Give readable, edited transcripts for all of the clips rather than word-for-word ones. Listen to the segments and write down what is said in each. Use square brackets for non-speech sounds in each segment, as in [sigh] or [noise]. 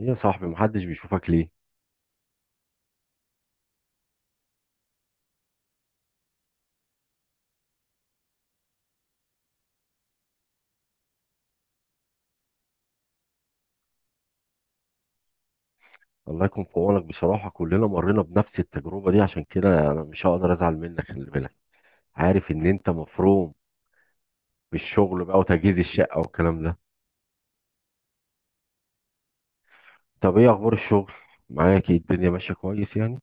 ايه يا صاحبي محدش بيشوفك ليه؟ الله يكون في عونك بصراحة، كلنا مرينا بنفس التجربة دي، عشان كده انا مش هقدر ازعل منك. خلي بالك عارف ان انت مفروم بالشغل بقى وتجهيز الشقة والكلام ده. طب ايه اخبار الشغل؟ معاك ايه؟ الدنيا ماشية كويس يعني؟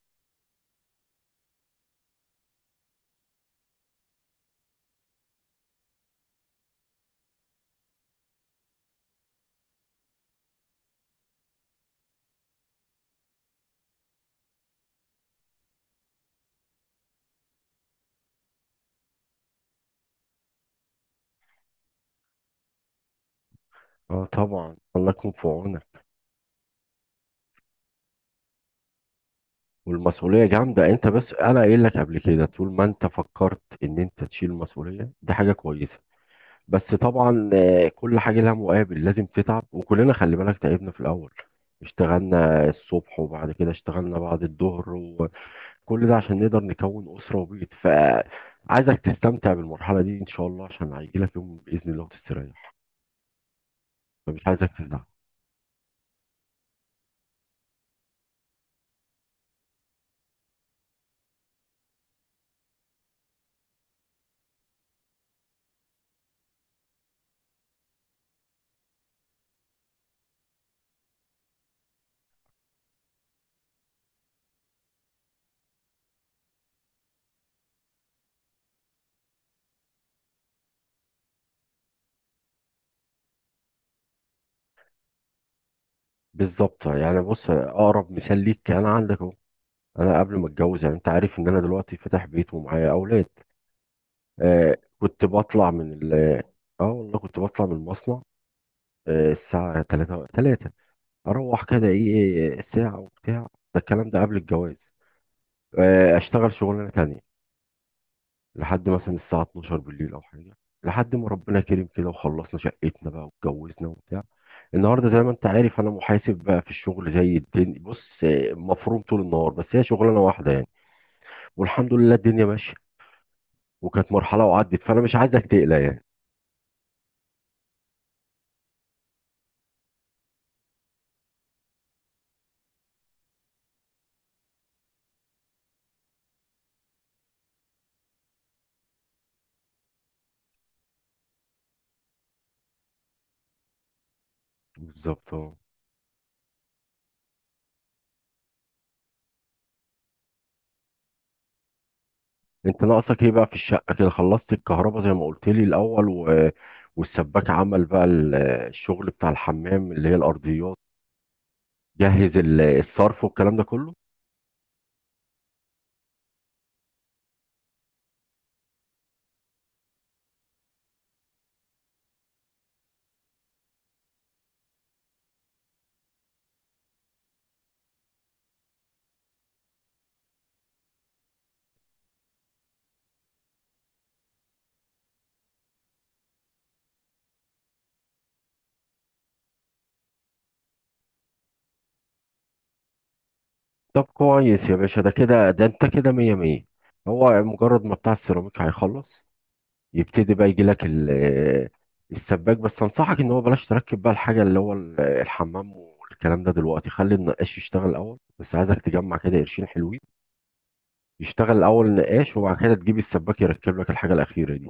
اه طبعا الله يكون في عونك. والمسؤولية جامدة انت، بس انا قايل لك قبل كده طول ما انت فكرت ان انت تشيل المسؤولية دي حاجة كويسة. بس طبعا كل حاجة لها مقابل، لازم تتعب، وكلنا خلي بالك تعبنا في الأول. اشتغلنا الصبح وبعد كده اشتغلنا بعد الظهر، وكل ده عشان نقدر نكون أسرة وبيت. فعايزك تستمتع بالمرحلة دي إن شاء الله، عشان هيجيلك يوم بإذن الله وتستريح. فمش عايزك تزعل. بالظبط يعني، بص أقرب مثال ليك أنا عندك أهو. أنا قبل ما أتجوز، يعني أنت عارف إن أنا دلوقتي فاتح بيت ومعايا أولاد، آه كنت بطلع من ال آه والله كنت بطلع من المصنع آه الساعة 3، اروح كده ايه ساعه وبتاع، ده الكلام ده قبل الجواز. اشتغل شغلانه تانية لحد مثلا الساعه 12 بالليل او حاجه، لحد ما ربنا كريم كده وخلصنا شقتنا بقى واتجوزنا وبتاع. النهارده زي ما انت عارف انا محاسب بقى في الشغل، زي الدنيا بص مفروم طول النهار، بس هي شغلانه واحده يعني، والحمد لله الدنيا ماشيه. وكانت مرحله وعدت، فانا مش عايزك تقلق يعني. بالظبط. انت ناقصك ايه بقى في الشقه؟ كده خلصت الكهرباء زي ما قلت لي الاول و... والسباك عمل بقى الشغل بتاع الحمام اللي هي الارضيات، جهز الصرف والكلام ده كله؟ طب كويس يا باشا، ده كده ده انت كده مية مية. هو مجرد ما بتاع السيراميك هيخلص يبتدي بقى يجي لك السباك، بس انصحك ان هو بلاش تركب بقى الحاجه اللي هو الحمام والكلام ده دلوقتي، خلي النقاش يشتغل الاول، بس عايزك تجمع كده قرشين حلوين. يشتغل الاول نقاش وبعد كده تجيب السباك يركب لك الحاجه الاخيره دي.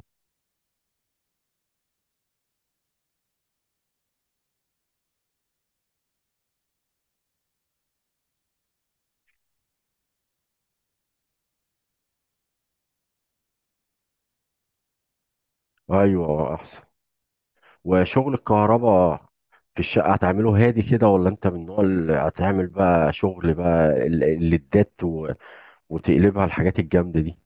ايوه احسن. وشغل الكهرباء في الشقه هتعمله هادي كده، ولا انت من النوع اللي هتعمل بقى شغل بقى الليدات و وتقلبها الحاجات الجامده دي؟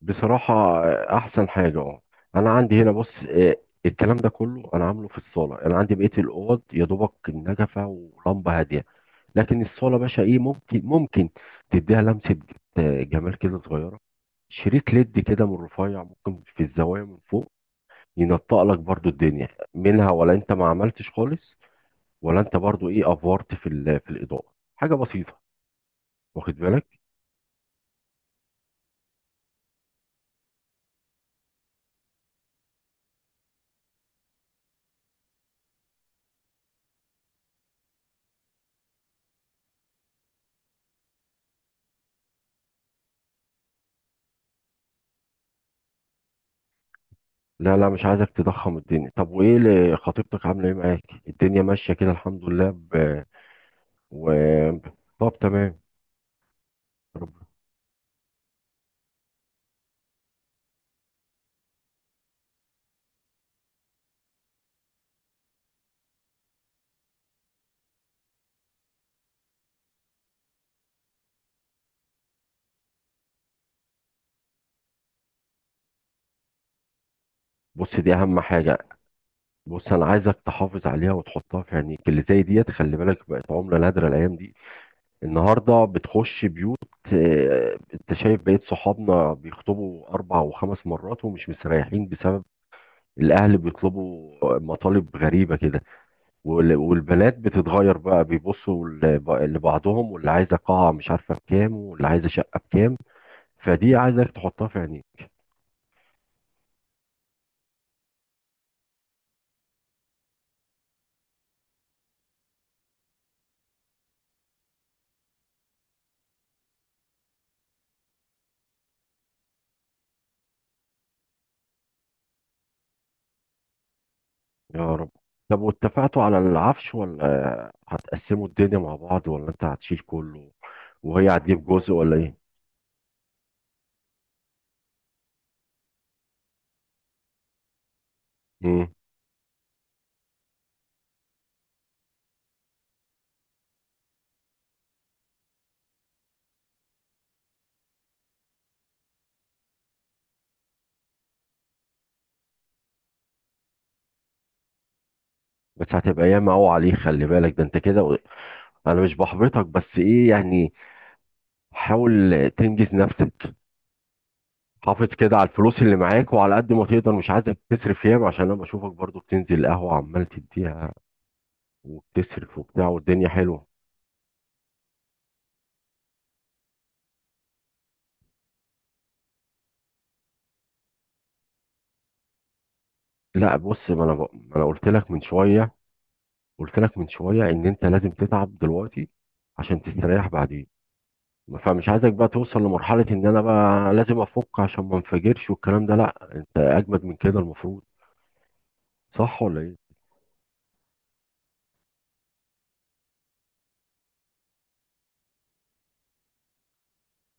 بصراحه احسن حاجه اه. انا عندي هنا بص، الكلام ده كله انا عامله في الصاله، انا عندي بقيه الاوض يا دوبك النجفه ولمبه هاديه. لكن الصاله باشا ايه، ممكن تديها لمسه، جمال كده صغيره. شريط ليد كده من رفيع، ممكن في الزوايا من فوق ينطق لك برضو الدنيا منها. ولا انت ما عملتش خالص؟ ولا انت برضو ايه افورت في ال في الاضاءه حاجه بسيطه، واخد بالك؟ لا لا، مش عايزك تضخم الدنيا. طب وايه اللي خطيبتك عامله ايه معاك؟ الدنيا ماشيه كده الحمد لله ب... و... طب تمام. رب- بص دي اهم حاجه. بص انا عايزك تحافظ عليها وتحطها في عينيك، اللي زي ديت خلي بالك بقت عمله نادره الايام دي. النهارده بتخش بيوت، انت شايف بقية صحابنا بيخطبوا اربع وخمس مرات ومش مستريحين بسبب الاهل بيطلبوا مطالب غريبه كده، وال والبنات بتتغير بقى، بيبصوا لبعضهم، واللي عايزه قاعه مش عارفه بكام، واللي عايزه شقه بكام. فدي عايزك تحطها في عينيك. يا رب. طب واتفقتوا على العفش، ولا هتقسموا الدنيا مع بعض، ولا انت هتشيل كله وهي هتجيب جزء ولا ايه؟ مم. بس هتبقى ياما قوي عليه، خلي بالك ده انت كده. انا مش بحبطك بس ايه يعني، حاول تنجز نفسك. حافظ كده على الفلوس اللي معاك، وعلى قد ما تقدر مش عايزك تصرف ياما، عشان انا بشوفك برضو بتنزل القهوة عمال تديها وبتصرف وبتاع والدنيا حلوة. لا بص، ما انا قلت لك من شوية، قلت لك من شوية ان انت لازم تتعب دلوقتي عشان تستريح بعدين. فمش عايزك بقى توصل لمرحلة ان انا بقى لازم افك عشان ما انفجرش والكلام ده، لا انت اجمد من كده المفروض. صح ولا ايه؟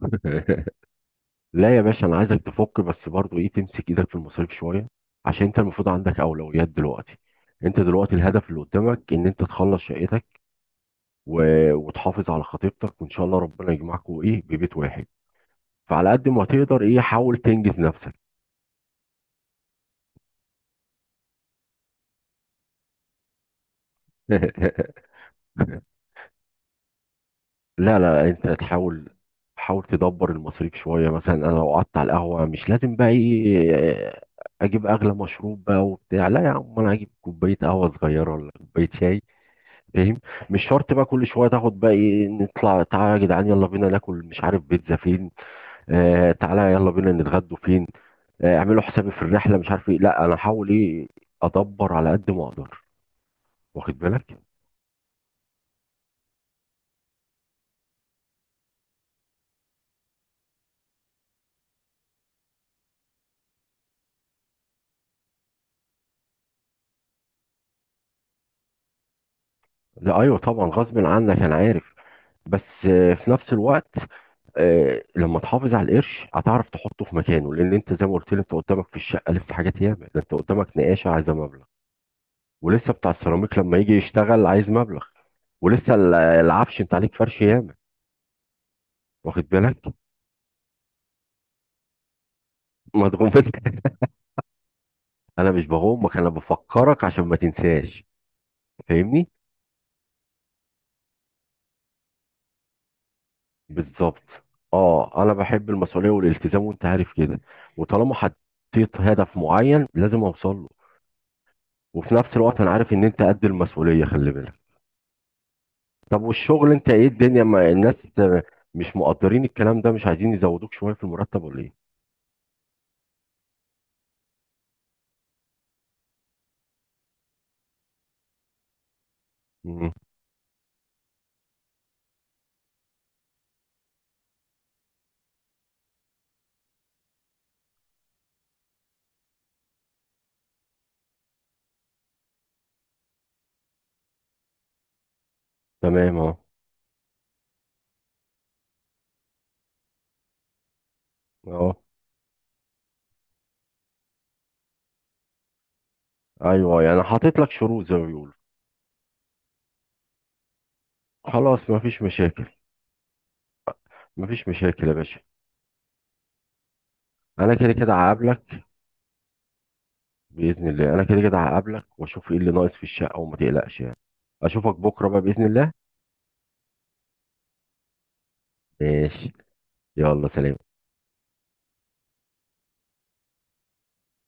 [laughs] لا يا باشا انا عايزك تفك، بس برضو ايه تمسك ايدك في المصاريف شويه، عشان انت المفروض عندك اولويات دلوقتي. انت دلوقتي الهدف اللي قدامك ان انت تخلص شقتك و... وتحافظ على خطيبتك، وان شاء الله ربنا يجمعكم ايه ببيت واحد. فعلى قد ما تقدر ايه حاول تنجز نفسك. [laughs] لا لا، انت تحاول، حاول تدبر المصاريف شويه. مثلا انا لو قعدت على القهوه مش لازم بقى ايه اجيب اغلى مشروب بقى وبتاع، لا يا عم انا اجيب كوبايه قهوه صغيره ولا كوبايه شاي، فاهم؟ مش شرط بقى كل شويه تاخد بقى ايه، نطلع تعالى يا جدعان يلا بينا ناكل مش عارف بيتزا فين، آه تعالى يلا بينا نتغدوا فين، آه اعملوا حسابي في الرحله مش عارف ايه. لا انا هحاول ايه ادبر على قد ما اقدر، واخد بالك؟ لا ايوه طبعا غصب عنك انا عارف، بس آه في نفس الوقت آه، لما تحافظ على القرش هتعرف تحطه في مكانه، لان انت زي ما قلت لي انت قدامك في الشقه لسه حاجات ياما، ده انت قدامك نقاشه عايزه مبلغ، ولسه بتاع السيراميك لما يجي يشتغل عايز مبلغ، ولسه العفش انت عليك فرش ياما، واخد بالك؟ مضغوط انت. [laughs] انا مش بغمك، انا بفكرك عشان ما تنساش. فاهمني؟ بالظبط. اه انا بحب المسؤوليه والالتزام، وانت عارف كده. وطالما حطيت هدف معين لازم اوصل له. وفي نفس الوقت انا عارف ان انت قد المسؤوليه، خلي بالك. طب والشغل انت ايه؟ الدنيا، ما الناس مش مقدرين الكلام ده؟ مش عايزين يزودوك شويه في المرتب ولا ايه؟ مم. تمام اه. اه. ايوه يعني حاطط لك شروط زي ما بيقولوا. خلاص مفيش مشاكل، مفيش مشاكل يا باشا. انا كده كده هقابلك باذن الله، انا كده كده هقابلك واشوف ايه اللي ناقص في الشقه، وما تقلقش يعني. اشوفك بكره بقى باذن الله. ماشي، يلا سلام.